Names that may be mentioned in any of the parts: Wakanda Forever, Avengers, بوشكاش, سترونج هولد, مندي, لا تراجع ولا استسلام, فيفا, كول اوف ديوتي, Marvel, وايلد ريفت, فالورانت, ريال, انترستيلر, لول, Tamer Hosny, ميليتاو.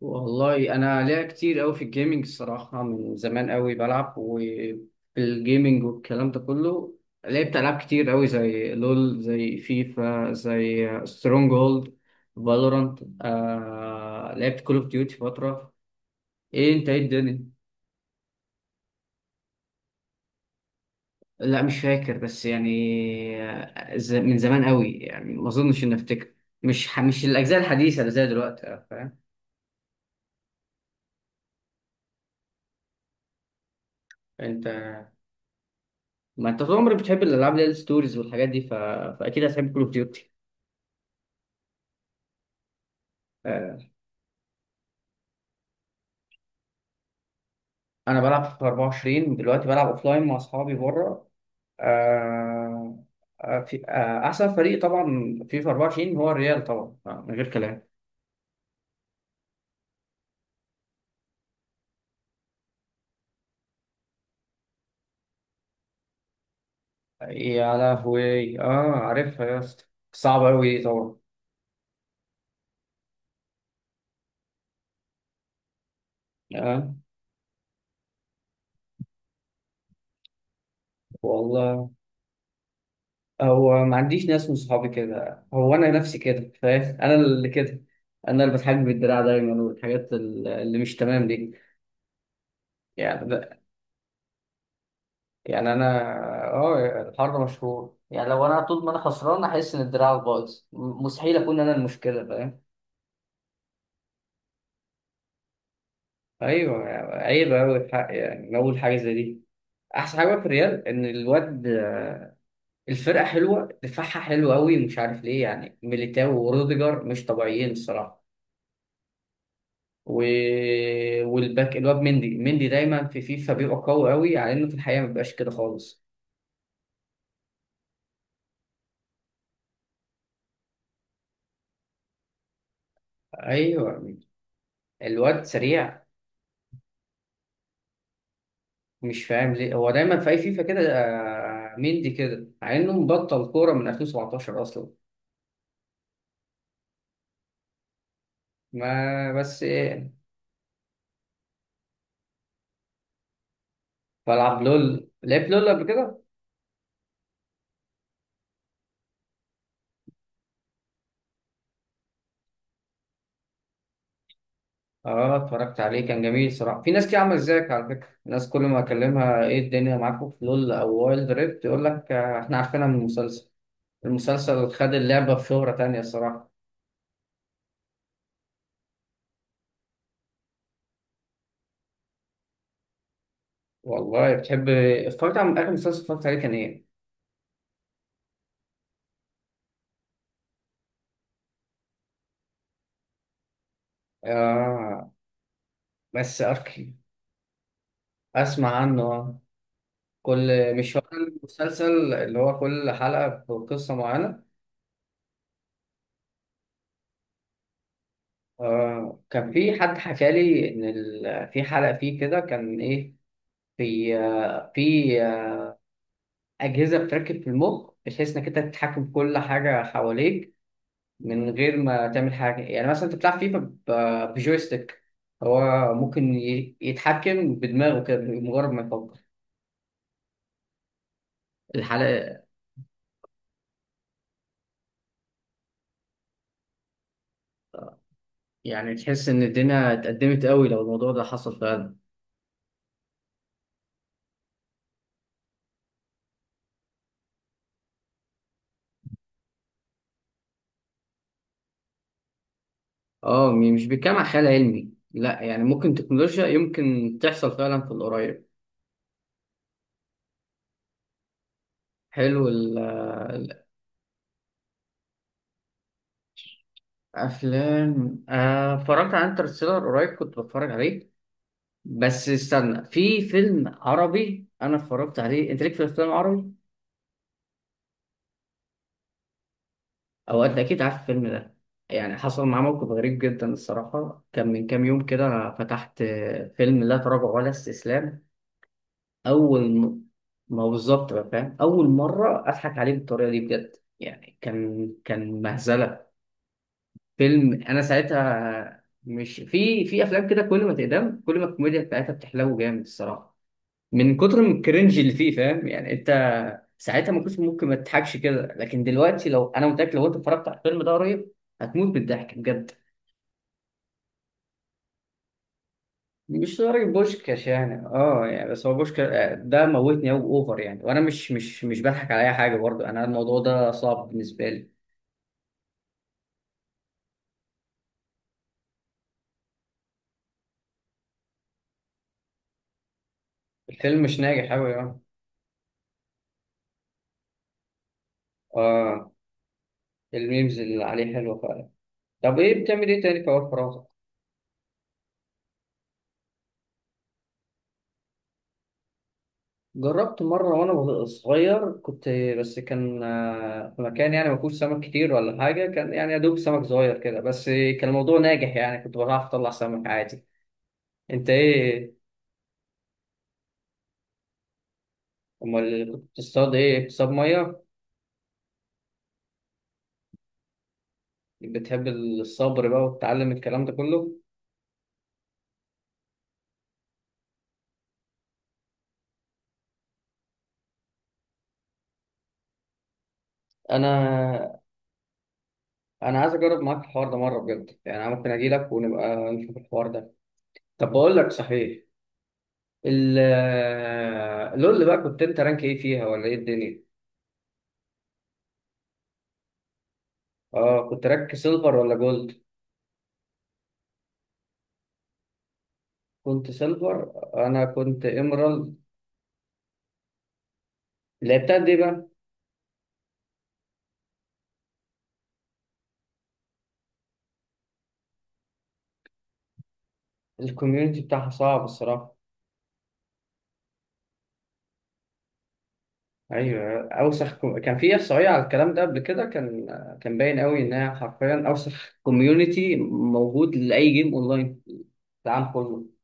والله انا ليا كتير قوي في الجيمنج الصراحه، من زمان قوي بلعب وفي الجيمنج والكلام ده كله. لعبت العاب كتير قوي زي لول، زي فيفا، زي سترونج هولد، فالورانت. لعبت كول اوف ديوتي فتره. ايه انت ايه الدنيا؟ لا مش فاكر بس يعني من زمان قوي يعني ما اظنش اني افتكر. مش الاجزاء الحديثه اللي زي دلوقتي، فاهم. انت، ما انت طول عمرك بتحب الالعاب اللي هي الستوريز والحاجات دي فاكيد هتحب كول اوف ديوتي. آه، انا بلعب في 24 دلوقتي، بلعب اوفلاين مع اصحابي بره. آه، آه، في آه، احسن فريق طبعا في 24 هو الريال طبعا، من غير كلام. يا لهوي اه، عارفها يا اسطى، صعب قوي دي طبعا. اه والله، هو ما عنديش ناس من صحابي كده، هو انا نفسي كده، فاهم؟ انا اللي كده، انا اللي بتحجب بالدراع دايما والحاجات اللي مش تمام دي يعني. يعني انا، اه الحر مشهور يعني لو انا طول ما انا خسران احس ان دراعك بايظ، مستحيل اكون انا المشكله، فاهم. ايوه يعني عيب قوي الحق يعني من اول حاجه زي دي. احسن حاجه في الريال ان الواد، الفرقه حلوه، دفاعها حلو قوي، مش عارف ليه، يعني ميليتاو وروديجر مش طبيعيين الصراحه. و... والباك الواد مندي. مندي دايما في فيفا بيبقى قوي على انه في الحقيقه ما بيبقاش كده خالص. ايوه الواد سريع. مش فاهم ليه هو دايما في اي فيفا كده، مندي كده، مع انه مبطل كوره من 2017 اصلا. ما بس ايه. بلعب لول، لعبت لول قبل كده. اه اتفرجت عليه، كان جميل صراحه. في ناس كتير عامله ازيك على فكره، ناس كل ما اكلمها ايه الدنيا معاكم في لول او وايلد ريفت يقول لك احنا عارفينها من المسلسل. المسلسل خد اللعبه في شهره تانية الصراحه. والله بتحب إيه؟ اتفرجت على اخر مسلسل، اتفرجت عليه كان ايه؟ آه بس اركي اسمع عنه آه. كل، مش هو المسلسل اللي هو كل حلقة بقصة معينة؟ آه، كان في حد حكى لي إن في حلقة فيه كده كان إيه، في آه في آه أجهزة بتركب في المخ بحيث إنك أنت تتحكم في كل حاجة حواليك من غير ما تعمل حاجة. يعني مثلا أنت بتلعب فيفا بجويستيك، هو ممكن يتحكم بدماغه كده بمجرد ما يفكر الحلقة. يعني تحس إن الدنيا اتقدمت قوي لو الموضوع ده حصل فعلا. اه مش بيتكلم عن خيال علمي لا، يعني ممكن تكنولوجيا يمكن تحصل فعلا في القريب. حلو. الافلام، اتفرجت على انترستيلر قريب، كنت بتفرج عليه. بس استنى، في فيلم عربي انا اتفرجت عليه، انت ليك في الافلام العربي او انت اكيد عارف الفيلم ده؟ يعني حصل معاه موقف غريب جدا الصراحه. كان من كام يوم كده فتحت فيلم لا تراجع ولا استسلام. اول م... ما بالظبط بقى، فاهم، اول مره اضحك عليه بالطريقه دي بجد. يعني كان، كان مهزله. فيلم انا ساعتها، مش في في افلام كده كل ما تقدم كل ما الكوميديا بتاعتها بتحلو جامد الصراحه، من كتر من الكرنج اللي فيه، فاهم يعني انت. ساعتها ما كنتش ممكن ما تضحكش كده، لكن دلوقتي لو انا متاكد لو انت اتفرجت على الفيلم ده قريب هتموت بالضحك بجد. مش لدرجة بوشكاش يعني، اه يعني، بس هو بوشكاش ده موتني أوي، اوفر يعني، وانا مش بضحك على اي حاجة برضه انا، الموضوع ده صعب بالنسبة لي. الفيلم مش ناجح أوي يعني. اه الميمز اللي عليه حلوة فعلا. طب ايه بتعمل ايه تاني في اوقات فراغك؟ جربت مرة وانا صغير، كنت بس كان في مكان يعني ما فيهوش سمك كتير ولا حاجة، كان يعني يا دوب سمك صغير كده، بس كان الموضوع ناجح يعني كنت بعرف اطلع سمك عادي. انت ايه؟ امال كنت بتصطاد ايه، بتصطاد مية؟ بتحب الصبر بقى وتتعلم الكلام ده كله. انا انا عايز اجرب معاك الحوار ده مره بجد، يعني انا ممكن اجي لك ونبقى نشوف الحوار ده. طب بقول لك صحيح، ال آه، لول بقى، كنت انت رانك ايه فيها ولا ايه الدنيا؟ اه كنت رانك سيلفر ولا جولد؟ كنت سيلفر، انا كنت ايمرالد. لعبتها قد ايه بقى؟ الكوميونتي بتاعها صعب الصراحه. ايوه اوسخ، كان في احصائيه على الكلام ده قبل كده، كان كان باين قوي ان هي حرفيا اوسخ كوميونتي موجود لاي جيم اونلاين في العالم كله.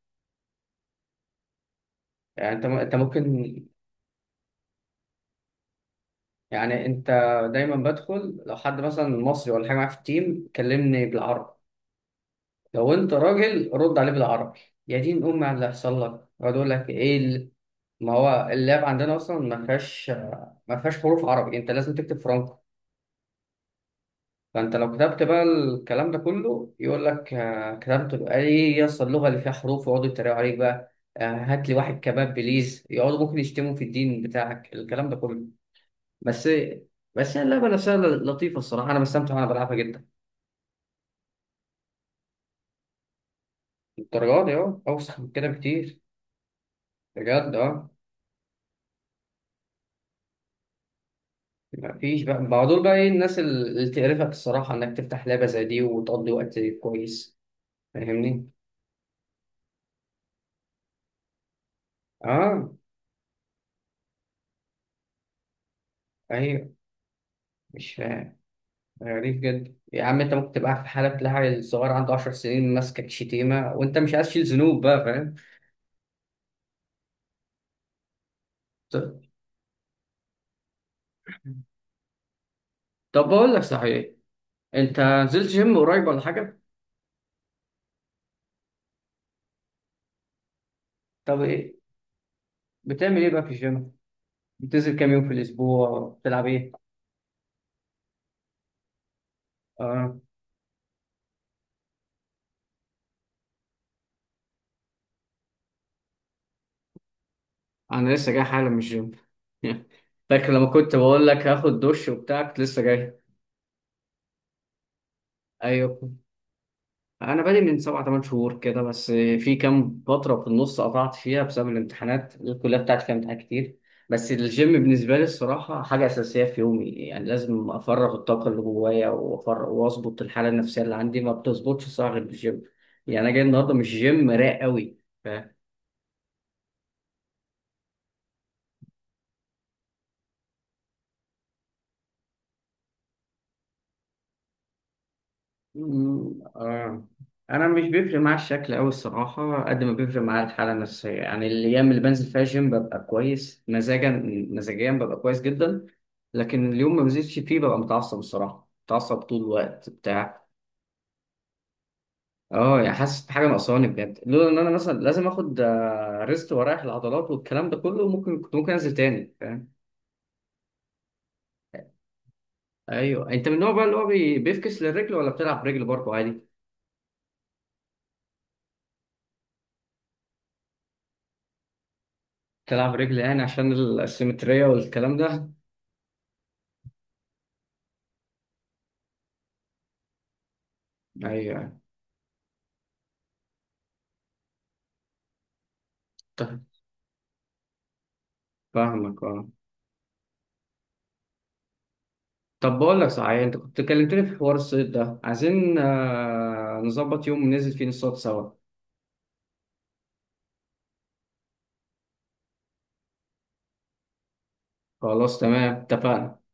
يعني انت م- انت ممكن يعني انت دايما بدخل، لو حد مثلا مصري ولا حاجه معايا في التيم كلمني بالعربي، لو انت راجل رد عليه بالعربي، يا دين امي على اللي هيحصل لك. يقعد يقول لك ايه ما هو اللاب عندنا اصلا ما فيهاش حروف عربي، انت لازم تكتب فرنك. فانت لو كتبت بقى الكلام ده كله يقول لك كتبت بقى ايه يا اسطى اللغه اللي فيها حروف، ويقعدوا يتريقوا عليك بقى، هات لي واحد كباب بليز، يقعدوا ممكن يشتموا في الدين بتاعك الكلام ده كله. بس بس هي اللعبه نفسها لطيفه الصراحه، انا بستمتع وانا بلعبها جدا. الدرجات دي اه اوسخ من كده بكتير، بجد اه. مفيش بقى، دول بقى ايه الناس اللي تقرفك الصراحه انك تفتح لعبه زي دي وتقضي وقت كويس، فاهمني؟ اه ايوه مش فاهم، غريب جدا يا عم. انت ممكن تبقى في حالة تلاقي الصغير عنده 10 سنين ماسكك شتيمة وانت مش عايز تشيل ذنوب بقى، فاهم؟ ط- طب بقول لك صحيح، انت نزلت جيم قريب ولا حاجة؟ طب ايه بتعمل ايه بقى في الجيم؟ بتنزل كام يوم في الأسبوع؟ بتلعب ايه؟ اه انا لسه جاي حالا من الجيم فاكر لما كنت بقول لك هاخد دش وبتاع، كنت لسه جاي. ايوه انا بادئ من سبع ثمان شهور كده، بس في كام فتره في النص قطعت فيها بسبب الامتحانات، الكليه بتاعتي فيها امتحانات كتير. بس الجيم بالنسبه لي الصراحه حاجه اساسيه في يومي، يعني لازم افرغ الطاقه اللي جوايا وافرغ واظبط الحاله النفسيه اللي عندي، ما بتظبطش الصراحه غير بالجيم. يعني انا جاي النهارده مش جيم، رايق قوي. مم، آه. انا مش بيفرق معايا الشكل أوي الصراحه قد ما بيفرق معايا الحاله النفسيه. يعني الايام اللي بنزل فيها جيم ببقى كويس مزاجا، مزاجيا ببقى كويس جدا. لكن اليوم ما بنزلش فيه ببقى متعصب الصراحه، متعصب طول الوقت بتاع. اه يعني حاسس بحاجه ناقصاني بجد. لولا ان انا مثلا لازم اخد ريست واريح العضلات والكلام ده كله ممكن كنت انزل تاني، فاهم. ايوه انت من النوع بقى اللي هو بيفكس للرجل ولا بتلعب رجل برضه عادي؟ بتلعب رجل يعني عشان السيمترية والكلام ده؟ ايوه فاهمك اه. طب بقول لك صحيح، انت كنت كلمتني في حوار الصيد ده، عايزين نظبط يوم ننزل فيه نصطاد سوا. خلاص تمام اتفقنا.